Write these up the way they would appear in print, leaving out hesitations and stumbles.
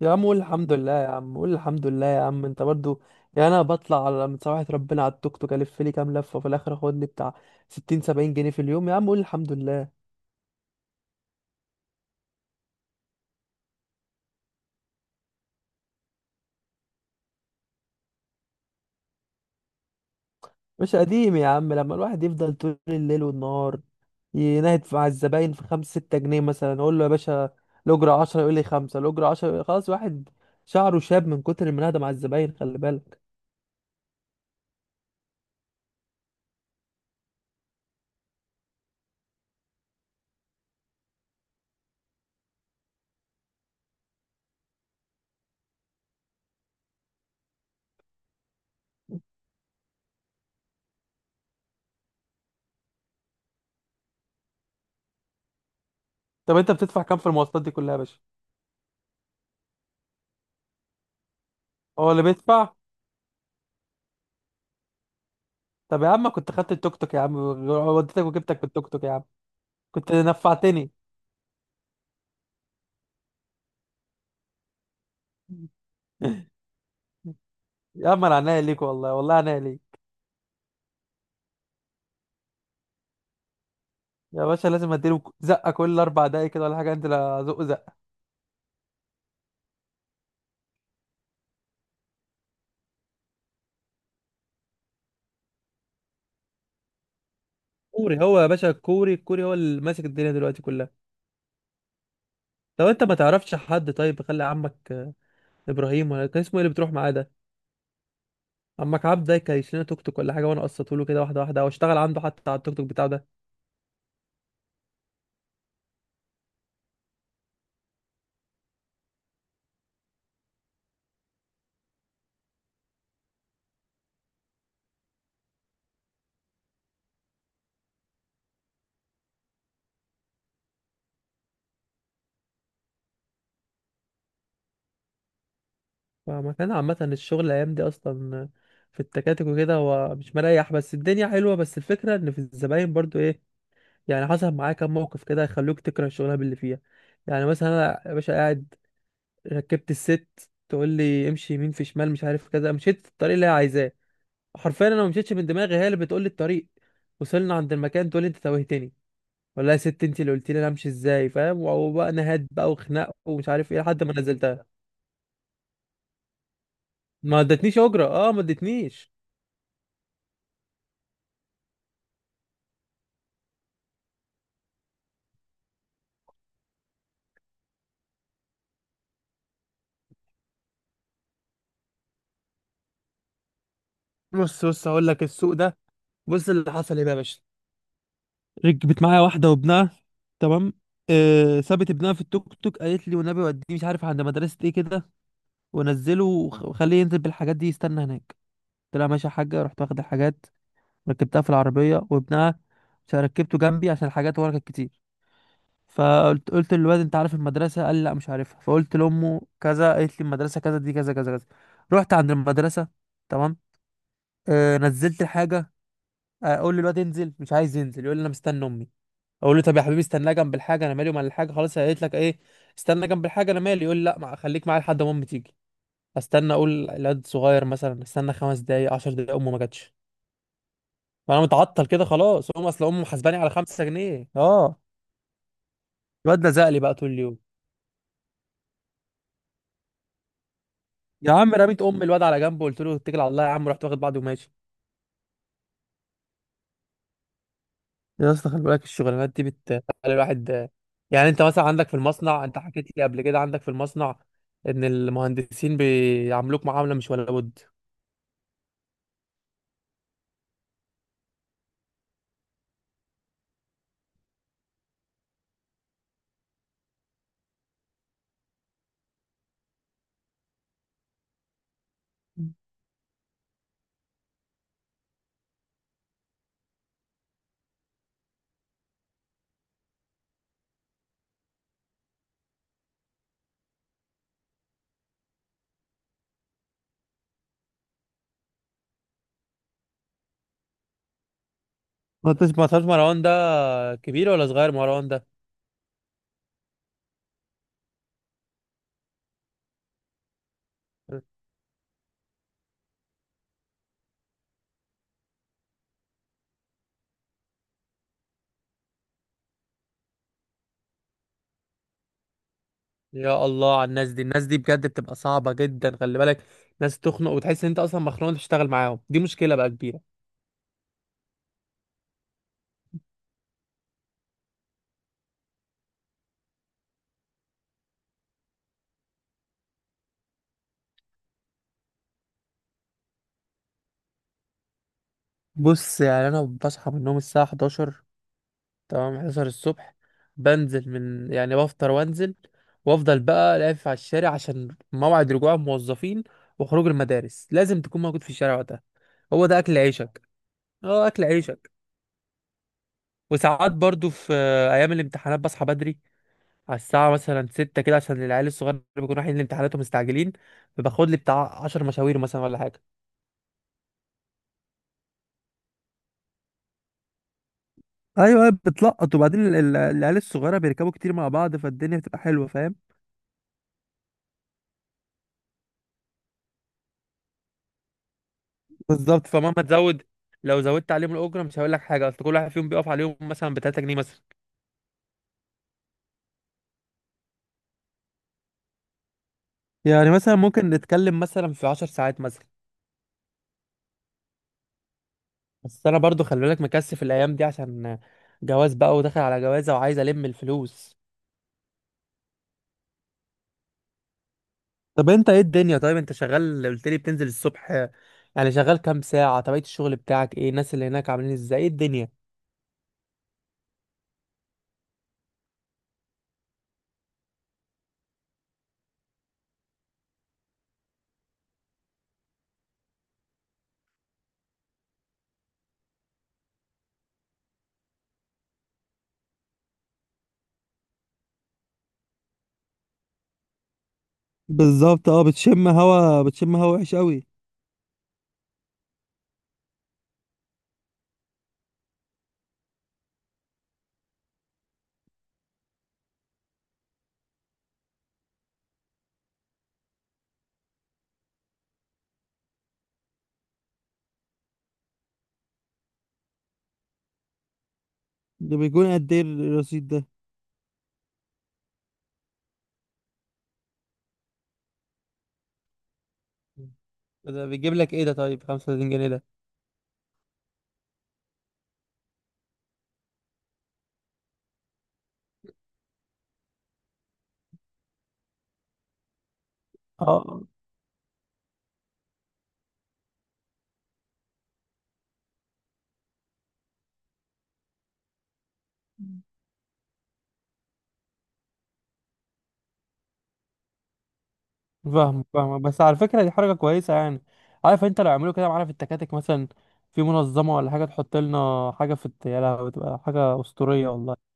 يا عم قول الحمد لله، يا عم قول الحمد لله يا عم انت برضو. يعني انا بطلع على من سماحة ربنا على التوك توك الف لي كام لفه وفي الاخر اخد لي بتاع 60 70 جنيه في اليوم، يا عم قول الحمد لله. مش قديم يا عم، لما الواحد يفضل طول الليل والنهار ينهد مع الزباين في 5 6 جنيه، مثلا اقول له يا باشا الاجره 10، يقول لي 5، الاجره 10 خلاص. واحد شعره شاب من كتر المناهده مع الزباين، خلي بالك. طب انت بتدفع كام في المواصلات دي كلها يا باشا؟ هو اللي بيدفع؟ طب يا عم كنت خدت التوك توك يا عم، وديتك وجبتك بالتوك توك يا عم، كنت نفعتني. يا عم انا عينيا ليك والله، والله عينيا ليك. يا باشا لازم اديله زقه كل اربع دقايق كده ولا حاجه، انت لا زق زقه. كوري هو يا باشا، الكوري الكوري هو اللي ماسك الدنيا دلوقتي كلها. طب انت ما تعرفش حد طيب؟ خلي عمك ابراهيم ولا كان اسمه ايه اللي بتروح معاه ده. عمك عبد ده كان يشيلنا توك توك ولا حاجه، وانا قسطته له كده واحده واحده، واشتغل عنده حتى على التوك توك بتاعه ده. فما كان عامه الشغل الايام دي اصلا، في التكاتك وكده هو مش مريح، بس الدنيا حلوه، بس الفكره ان في الزباين برضو ايه. يعني حصل معايا كام موقف كده يخلوك تكره الشغلانه اللي فيها. يعني مثلا انا يا باشا قاعد، ركبت الست تقول لي امشي يمين في شمال مش عارف كذا، مشيت في الطريق اللي هي عايزاه، حرفيا انا ما مشيتش من دماغي، هي اللي بتقول لي الطريق. وصلنا عند المكان تقول لي انت توهتني. والله يا ست انت اللي قلت لي انا امشي ازاي فاهم؟ وبقى نهاد بقى وخناق ومش عارف ايه لحد ما نزلتها. ما ادتنيش اجره، اه ما ادتنيش. بص بص هقول لك السوق ده، بص اللي حصل ايه بقى يا باشا. ركبت معايا واحدة وابنها، تمام. آه سابت ابنها في التوك توك قالت لي والنبي وديه مش عارف عند مدرسة ايه كده، ونزله وخليه ينزل بالحاجات دي يستنى هناك. قلت لها ماشي يا حاجة، رحت واخد الحاجات، ركبتها في العربية وابنها، مش ركبته جنبي عشان الحاجات ورا كانت كتير. قلت للواد انت عارف المدرسة، قال لي لا مش عارفها، فقلت لأمه كذا قالت لي المدرسة كذا دي كذا كذا كذا. رحت عند المدرسة، تمام. آه نزلت الحاجة. اقول للواد انزل، مش عايز ينزل، يقول لي انا مستني امي. اقول له طب يا حبيبي استنى جنب الحاجه، انا مالي ومال الحاجه، خلاص هي قالت لك ايه، استنى جنب الحاجه انا مالي، يقول لي لا خليك معايا لحد ما امي تيجي. استنى اقول الواد صغير مثلا، استنى خمس دقايق عشر دقايق، امه ما جاتش. فانا متعطل كده خلاص، امي اصل امه محاسباني على خمسة جنيه، اه. الواد لزق لي بقى طول اليوم. يا عم رميت ام الواد على جنب وقلت له اتكل على الله يا عم، رحت واخد بعضي وماشي. يا اسطى خلي بالك الشغلانات دي بتخلي الواحد. يعني انت مثلا عندك في المصنع، انت حكيت لي قبل كده عندك في المصنع ان المهندسين بيعاملوك معامله مش ولا بد. ما تعرفش مروان ده كبير ولا صغير مروان ده؟ يا الله على الناس دي، الناس دي بجد بتبقى صعبة جدا، خلي بالك. ناس تخنق وتحس ان انت اصلا مخنوق انت بتشتغل معاهم، دي مشكلة بقى كبيرة. بص يعني انا بصحى من النوم الساعة 11 تمام، 11 الصبح. بنزل من يعني بفطر وانزل، وافضل بقى لافف على الشارع عشان موعد رجوع الموظفين وخروج المدارس، لازم تكون موجود في الشارع وقتها. هو ده اكل عيشك، اه اكل عيشك. وساعات برضو في ايام الامتحانات بصحى بدري على الساعة مثلا ستة كده، عشان العيال الصغار اللي بيكونوا رايحين لامتحاناتهم مستعجلين، فباخد لي بتاع عشر مشاوير مثلا ولا حاجة. ايوه أيوة، بتلقط، وبعدين العيال الصغيره بيركبوا كتير مع بعض، فالدنيا بتبقى حلوه، فاهم. بالظبط، فمهما تزود، لو زودت عليهم الأجرة مش هقول لك حاجة، أصل كل واحد فيهم بيقف عليهم مثلا بتلاتة جنيه مثلا. يعني مثلا ممكن نتكلم نتكلم مثلا في عشر ساعات مثلا. بس أنا برضو خلي بالك مكثف الأيام دي، عشان جواز بقى وداخل على جوازة وعايز ألم الفلوس. طب انت ايه الدنيا، طيب انت شغال، قلت لي بتنزل الصبح، يعني شغال كام ساعة، طبيعة الشغل بتاعك ايه، الناس اللي هناك عاملين ازاي، ايه الدنيا. بالظبط، اه بتشم هوا بتشم هوا وحش قوي. ده بيكون قد ايه الرصيد ده؟ ده بيجيب لك ايه ده طيب 35 جنيه ده؟ اه فاهم فاهم، بس على فكرة دي حركة كويسة يعني. عارف انت لو عملوا كده معانا في التكاتك مثلا، في منظمة ولا حاجة تحط لنا حاجة في يا لهوي بتبقى حاجة أسطورية والله.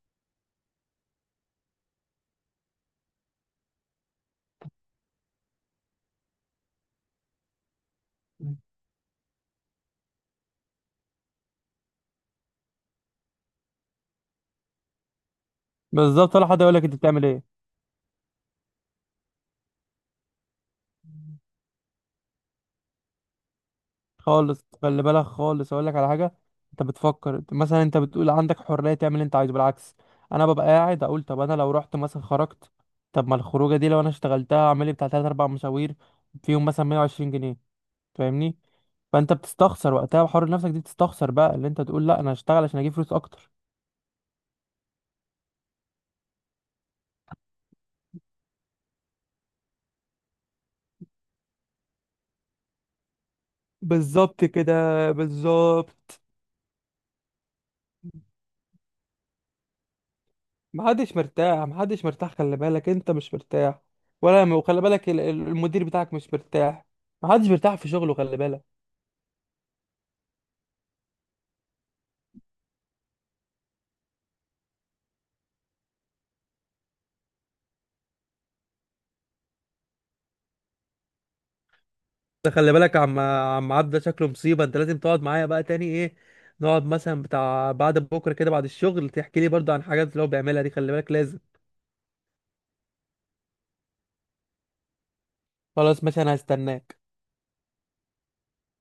بالظبط، ولا حد يقول لك انت بتعمل ايه. خالص خلي بالك خالص، اقول لك على حاجه. انت بتفكر مثلا انت بتقول عندك حريه تعمل اللي انت عايزه، بالعكس. انا ببقى قاعد اقول طب انا لو رحت مثلا خرجت، طب ما الخروجه دي لو انا اشتغلتها اعمل لي بتاع 3 4 مشاوير فيهم مثلا 120 جنيه، فاهمني. فانت بتستخسر وقتها، وحر نفسك دي بتستخسر بقى اللي انت تقول لا انا هشتغل عشان اجيب فلوس اكتر. بالظبط كده، بالظبط. محدش مرتاح محدش مرتاح، خلي بالك انت مش مرتاح، ولا وخلي بالك المدير بتاعك مش مرتاح. محدش مرتاح في شغله خلي بالك. ده خلي بالك عم عبد ده شكله مصيبه، انت لازم تقعد معايا بقى تاني ايه. نقعد مثلا بتاع بعد بكره كده بعد الشغل تحكي لي برضه عن حاجات اللي هو بيعملها دي، خلي بالك لازم. خلاص ماشي انا هستناك.